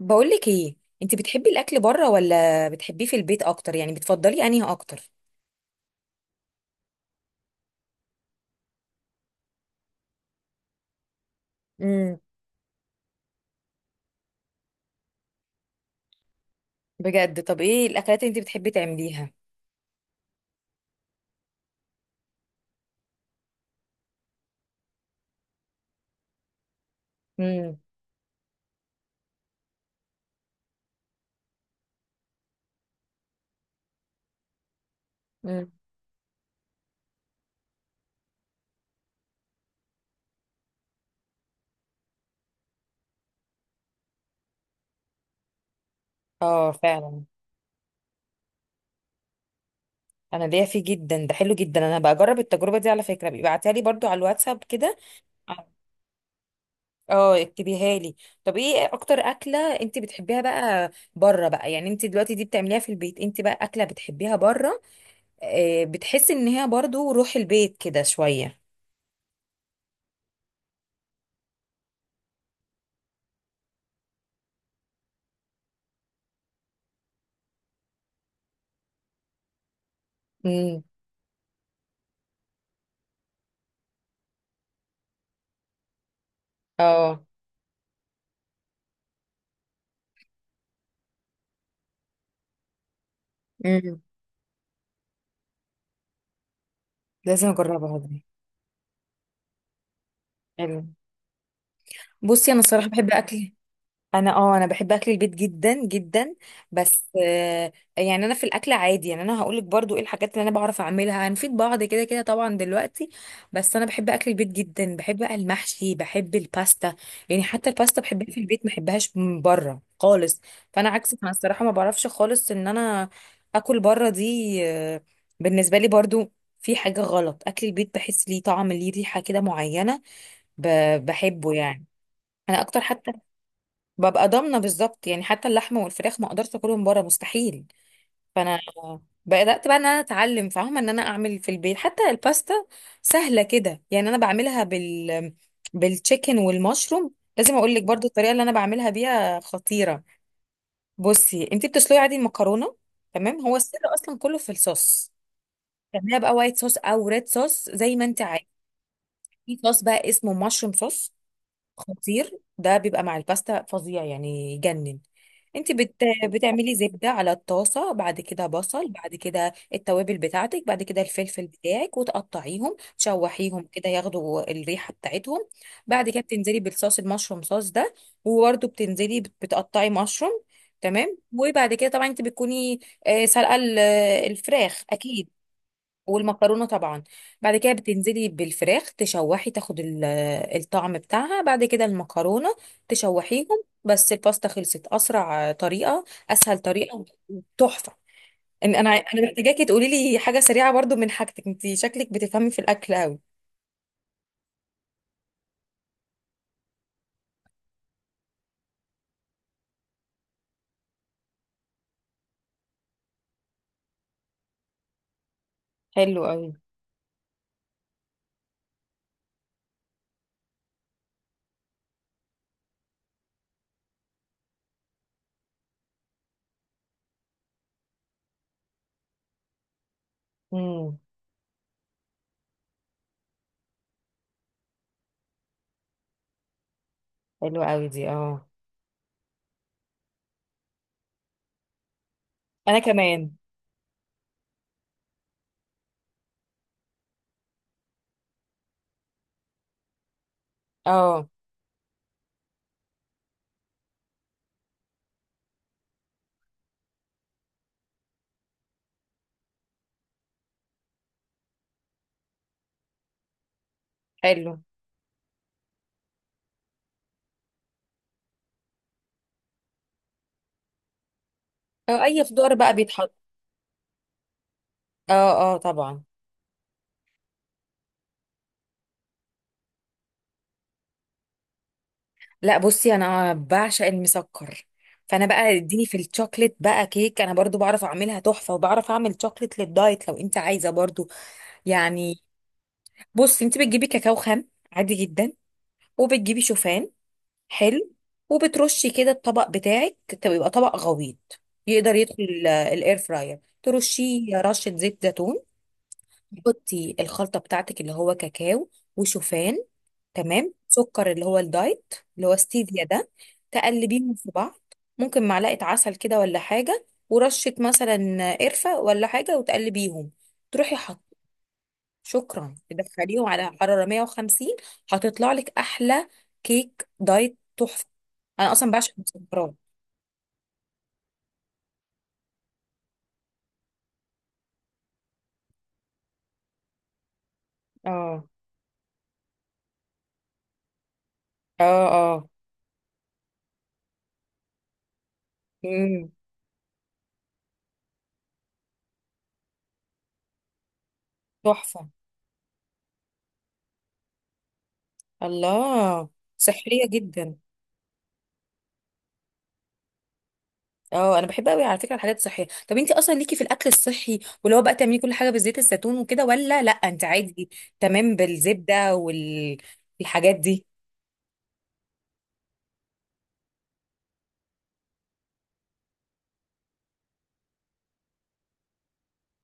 بقولك ايه؟ انت بتحبي الاكل بره ولا بتحبيه في البيت اكتر؟ يعني بتفضلي انهي اكتر؟ امم بجد، طب ايه الاكلات اللي انت بتحبي تعمليها؟ امم مم. اه، فعلا. انا ليا فيه جدا، ده حلو جدا. انا بجرب التجربه دي، على فكره بيبعتها لي برضو على الواتساب كده. اه، اكتبيها لي. طب ايه اكتر اكله انت بتحبيها بقى بره بقى؟ يعني انت دلوقتي دي بتعمليها في البيت، انت بقى اكله بتحبيها بره؟ بتحسي ان هي برضو روح البيت كده شويه؟ امم اه. مم. لازم اجربها دي. حلو. بصي، انا الصراحه بحب اكل. انا بحب اكل البيت جدا جدا. بس يعني انا في الاكل عادي، يعني انا هقولك برضو ايه الحاجات اللي انا بعرف اعملها، هنفيد بعض كده كده طبعا دلوقتي. بس انا بحب اكل البيت جدا، بحب بقى المحشي، بحب الباستا. يعني حتى الباستا بحبها في البيت، ما بحبهاش من بره خالص. فانا عكسك، انا الصراحه ما بعرفش خالص ان انا اكل بره دي، بالنسبه لي برضو، في حاجه غلط. اكل البيت بحس ليه طعم، ليه ريحه كده معينه، بحبه يعني. انا اكتر حتى. ببقى ضامنه بالظبط، يعني حتى اللحمه والفراخ ما اقدرش اكلهم بره، مستحيل. فانا بدات بقى ان انا اتعلم، فاهمه، ان انا اعمل في البيت حتى الباستا سهله كده. يعني انا بعملها بالتشيكن والمشروم. لازم اقول لك برضو الطريقه اللي انا بعملها بيها خطيره. بصي، انت بتسلقي عادي المكرونه، تمام. هو السر اصلا كله في الصوص. تعمليها بقى وايت صوص او ريد صوص زي ما انت عايزه. في صوص بقى اسمه مشروم صوص خطير. ده بيبقى مع الباستا فظيع، يعني يجنن. انت بت... بتعملي زبدة على الطاسة، بعد كده بصل، بعد كده التوابل بتاعتك، بعد كده الفلفل بتاعك، وتقطعيهم تشوحيهم كده ياخدوا الريحة بتاعتهم. بعد كده بتنزلي بالصوص المشروم صوص ده. وبرده بتنزلي بتقطعي مشروم. تمام. وبعد كده طبعا انت بتكوني سلقة الفراخ اكيد، والمكرونه طبعا. بعد كده بتنزلي بالفراخ تشوحي تاخد الطعم بتاعها، بعد كده المكرونه تشوحيهم. بس الباستا خلصت. اسرع طريقه، اسهل طريقه، تحفه. ان انا محتاجاكي تقولي لي حاجه سريعه برضو من حاجتك، انت شكلك بتفهمي في الاكل قوي. حلو قوي. امم حلو قوي دي، اه. انا كمان. اه. حلو. اه، اي خضار بقى بيتحط. اه. اه طبعا. لا، بصي انا بعشق المسكر. فانا بقى اديني في الشوكليت بقى. كيك انا برضو بعرف اعملها تحفه، وبعرف اعمل شوكليت للدايت لو انت عايزه برضو. يعني، بصي انت بتجيبي كاكاو خام عادي جدا، وبتجيبي شوفان. حلو. وبترشي كده الطبق بتاعك، يبقى طبق غويط يقدر يدخل الاير فراير. ترشيه رشه زيت زيتون. تحطي الخلطه بتاعتك اللي هو كاكاو وشوفان، تمام، سكر اللي هو الدايت اللي هو ستيفيا ده. تقلبيهم في بعض. ممكن معلقة عسل كده ولا حاجة، ورشة مثلا قرفة ولا حاجة، وتقلبيهم. تروحي حط، شكرا، تدخليهم على حرارة 150. هتطلع لك أحلى كيك دايت تحفة. أنا أصلا بعشق المسكرات. اه. اه. اه. امم تحفة. الله. صحية جدا. اه، انا بحب قوي على فكره الحاجات الصحيه. طب انت اصلا ليكي في الاكل الصحي، واللي هو بقى تعملي كل حاجه بزيت الزيتون وكده، ولا لا انت عادي تمام بالزبده والحاجات دي؟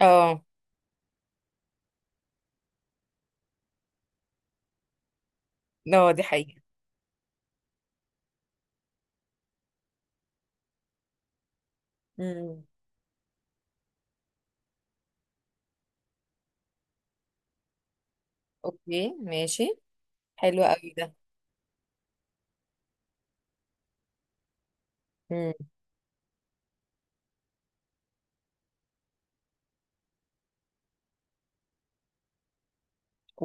اه. اه دي حقيقه. امم اوكي، ماشي. حلو قوي ده. امم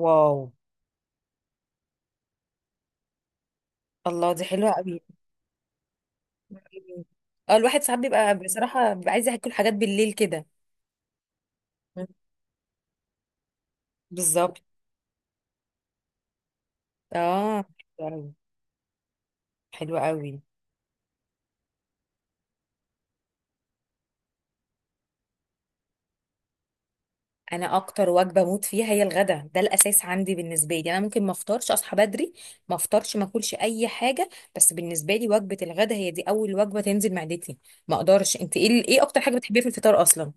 واو. الله دي حلوه قوي. مم. اه، الواحد ساعات بيبقى بصراحه بيبقى عايز ياكل حاجات بالليل كده. مم. بالظبط. اه. حلو قوي. حلو قوي. انا اكتر وجبه بموت فيها هي الغدا. ده الاساس عندي. بالنسبه لي انا ممكن ما افطرش، اصحى بدري ما افطرش، ما اكلش اي حاجه. بس بالنسبه لي وجبه الغدا هي دي اول وجبه تنزل معدتي، ما اقدرش. انت ايه، ايه اكتر حاجه بتحبيها في الفطار اصلا؟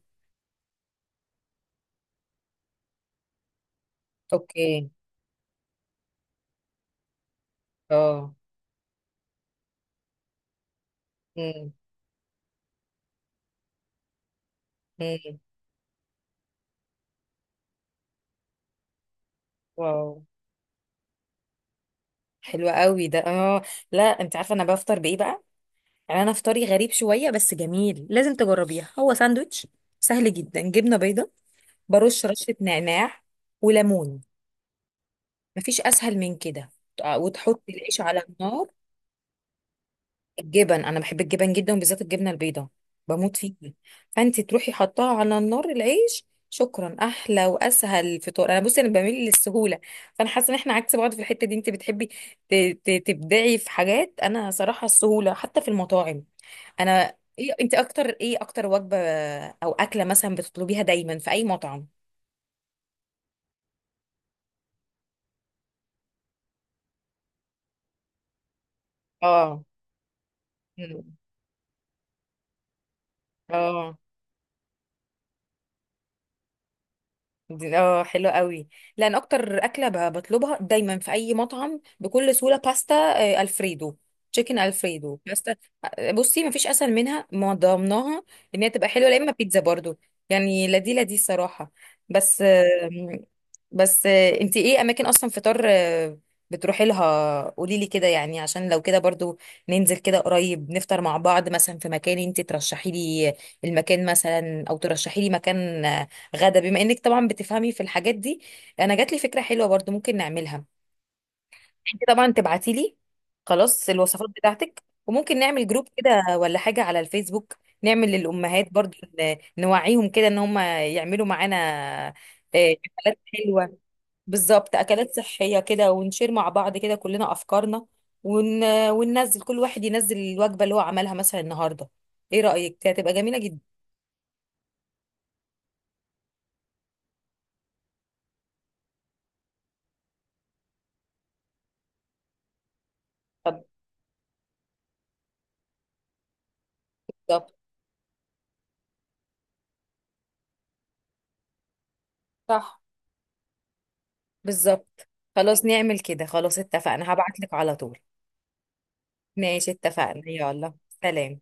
اوكي. اه. امم امم واو، حلوة قوي ده، اه. لا انت عارفه انا بفطر بايه بقى؟ يعني انا فطاري غريب شويه بس جميل، لازم تجربيها. هو ساندوتش سهل جدا، جبنه بيضه، برش رشه نعناع وليمون. مفيش اسهل من كده. وتحط العيش على النار. الجبن، انا بحب الجبن جدا وبالذات الجبنه البيضاء، بموت فيها. فانت تروحي حطاها على النار العيش، شكرا، احلى واسهل فطار. انا بصي انا بميل للسهوله. فانا حاسه ان احنا عكس بعض في الحته دي، انت بتحبي تبدعي في حاجات، انا صراحه السهوله حتى في المطاعم. انا ايه، انت اكتر ايه، اكتر وجبه او اكله مثلا بتطلبيها دايما في اي مطعم؟ اه. مم. اه. اه، حلو قوي. لان اكتر اكله بطلبها دايما في اي مطعم بكل سهوله باستا، الفريدو، تشيكن الفريدو باستا. بصي مفيش اسهل منها، ما ضمناها ان هي تبقى حلوه. لا اما بيتزا برضو، يعني لا دي صراحه. بس بس انتي ايه اماكن اصلا فطار بتروحي لها؟ قولي لي كده، يعني عشان لو كده برضو ننزل كده قريب نفطر مع بعض مثلا في مكان انتي ترشحي لي المكان، مثلا، او ترشحي لي مكان غدا، بما انك طبعا بتفهمي في الحاجات دي. انا جات لي فكره حلوه برضو ممكن نعملها. انت طبعا تبعتي لي خلاص الوصفات بتاعتك، وممكن نعمل جروب كده ولا حاجه على الفيسبوك. نعمل للامهات برضو نوعيهم كده ان هم يعملوا معانا اكلات حلوه. بالظبط، اكلات صحيه كده، ونشير مع بعض كده كلنا افكارنا. ون... وننزل كل واحد ينزل الوجبه اللي هو عملها مثلا النهارده. ايه رايك؟ دي هتبقى جميله جدا. بالظبط. صح. بالظبط. خلاص نعمل كده، خلاص اتفقنا، هبعتلك على طول. ماشي، اتفقنا، يلا سلام.